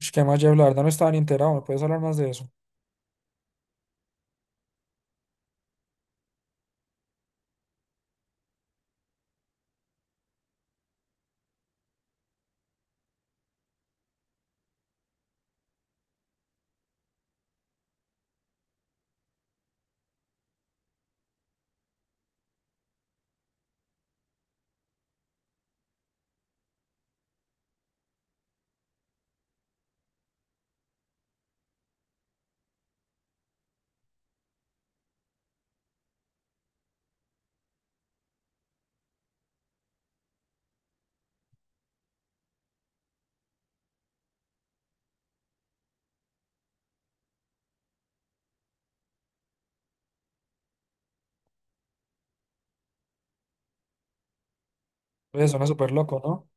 Ush, qué más, Jeff, la verdad no estaba ni enterado, ¿me puedes hablar más de eso? Pues suena súper loco, ¿no?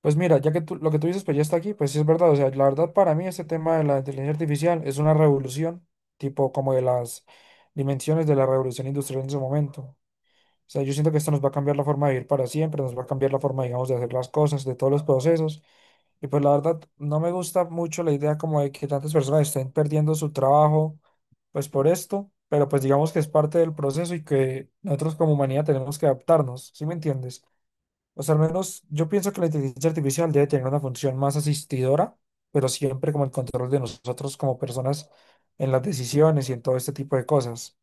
Pues mira, ya que tú, lo que tú dices, pues ya está aquí, pues sí es verdad, o sea, la verdad para mí este tema de la inteligencia artificial es una revolución, tipo como de las dimensiones de la revolución industrial en su momento. O sea, yo siento que esto nos va a cambiar la forma de vivir para siempre, nos va a cambiar la forma, digamos, de hacer las cosas, de todos los procesos. Y pues la verdad, no me gusta mucho la idea como de que tantas personas estén perdiendo su trabajo, pues por esto, pero pues digamos que es parte del proceso y que nosotros como humanidad tenemos que adaptarnos, ¿sí me entiendes? O sea, al menos yo pienso que la inteligencia artificial debe tener una función más asistidora, pero siempre como el control de nosotros como personas en las decisiones y en todo este tipo de cosas.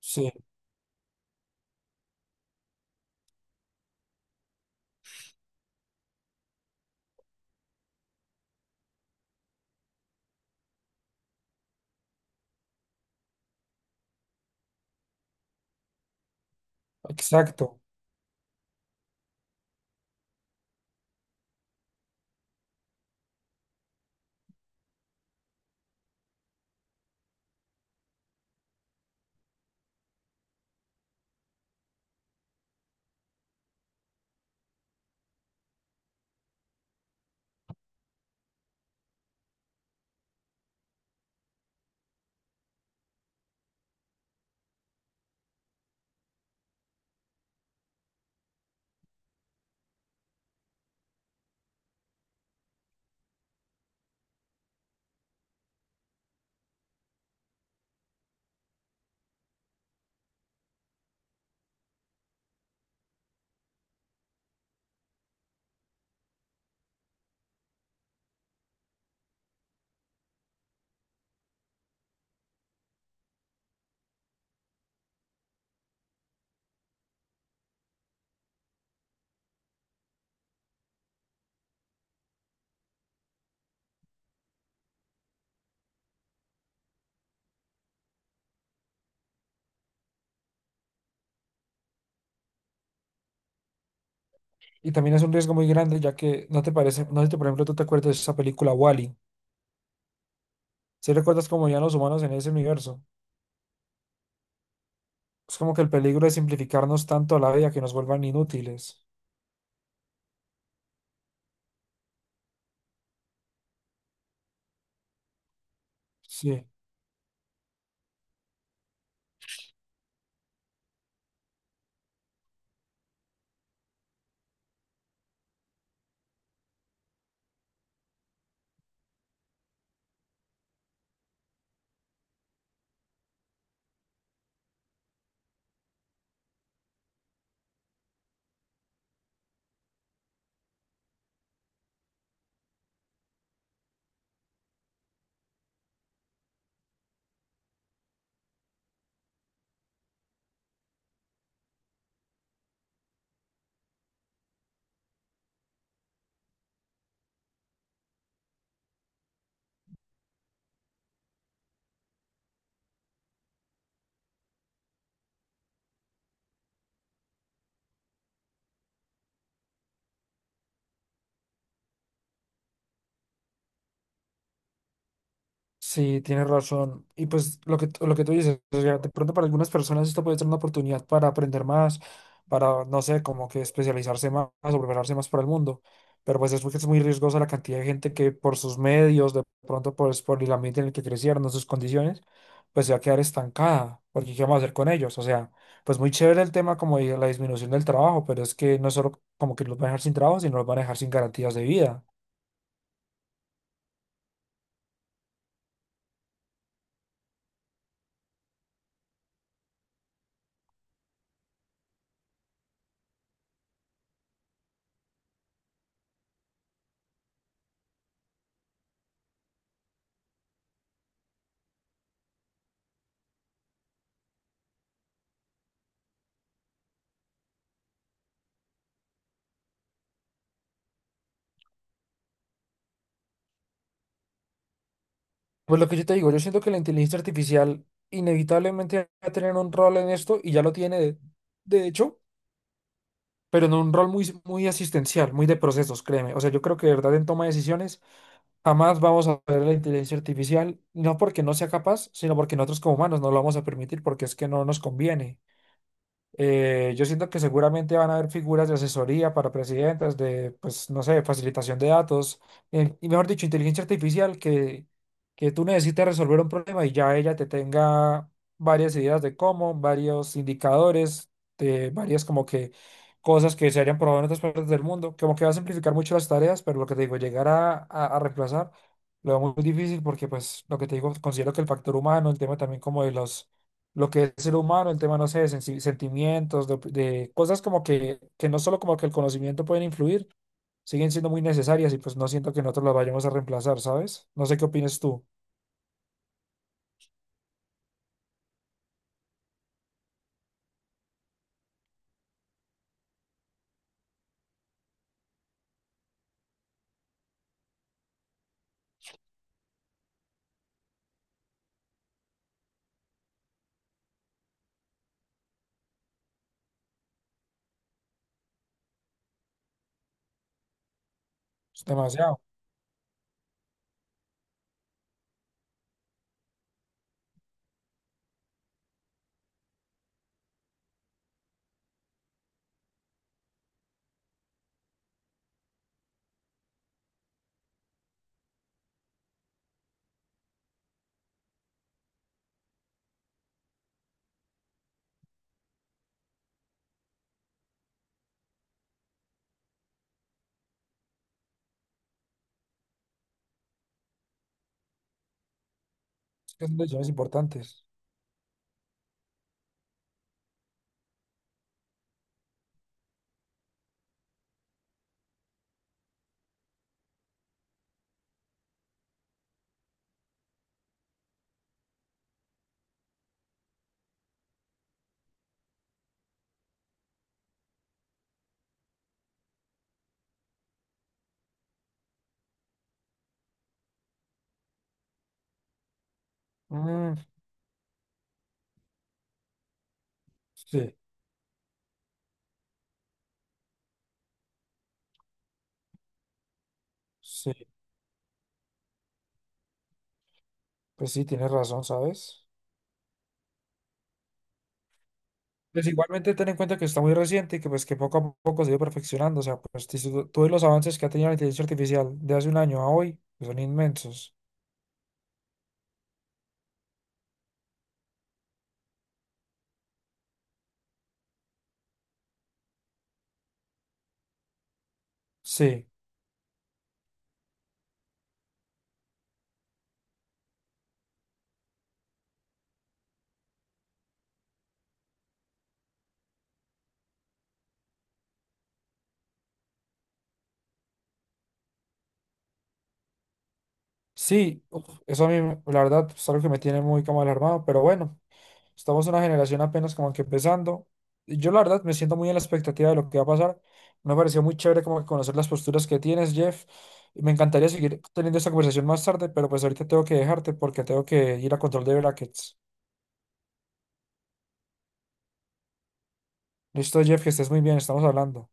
Sí, exacto. Y también es un riesgo muy grande, ya que no te parece, no sé si, por ejemplo, tú te acuerdas de esa película Wall-E. ¿Si recuerdas cómo ya los humanos en ese universo? Es como que el peligro de simplificarnos tanto la vida que nos vuelvan inútiles. Sí. Sí, tienes razón. Y pues lo que tú dices, o sea, de pronto para algunas personas esto puede ser una oportunidad para aprender más, para, no sé, como que especializarse más o prepararse más para el mundo. Pero pues es porque es muy riesgosa la cantidad de gente que por sus medios, de pronto pues, por el ambiente en el que crecieron, o sus condiciones, pues se va a quedar estancada. Porque ¿qué vamos a hacer con ellos? O sea, pues muy chévere el tema como de la disminución del trabajo, pero es que no es solo como que los van a dejar sin trabajo, sino los van a dejar sin garantías de vida. Pues lo que yo te digo, yo siento que la inteligencia artificial inevitablemente va a tener un rol en esto y ya lo tiene, de hecho, pero en un rol muy, muy asistencial, muy de procesos, créeme. O sea, yo creo que de verdad en toma de decisiones jamás vamos a ver la inteligencia artificial, no porque no sea capaz, sino porque nosotros como humanos no lo vamos a permitir porque es que no nos conviene. Yo siento que seguramente van a haber figuras de asesoría para presidentes, de, pues, no sé, facilitación de datos, y mejor dicho, inteligencia artificial que tú necesites resolver un problema y ya ella te tenga varias ideas de cómo, varios indicadores, de varias como que cosas que se hayan probado en otras partes del mundo, como que va a simplificar mucho las tareas, pero lo que te digo, llegar a reemplazar lo veo muy difícil porque, pues, lo que te digo, considero que el factor humano, el tema también como de los, lo que es el ser humano, el tema, no sé, de sentimientos, de, de cosas como que no solo como que el conocimiento pueden influir, siguen siendo muy necesarias y pues no siento que nosotros las vayamos a reemplazar, ¿sabes? No sé qué opinas tú. Es demasiado. Es que son decisiones importantes. Mm, sí, sí, pues sí, tienes razón, ¿sabes? Pues igualmente ten en cuenta que está muy reciente y que pues que poco a poco se ha ido perfeccionando. O sea, pues tú ves los avances que ha tenido la inteligencia artificial de hace un año a hoy, que son inmensos. Sí. Sí, uf, eso a mí, la verdad, es algo que me tiene muy como alarmado, pero bueno, estamos en una generación apenas como que empezando. Y Yo la verdad me siento muy en la expectativa de lo que va a pasar. Me pareció muy chévere como que conocer las posturas que tienes, Jeff. Y Me encantaría seguir teniendo esta conversación más tarde, pero pues ahorita tengo que dejarte porque tengo que ir a control de brackets. Listo, Jeff, que estés muy bien, estamos hablando.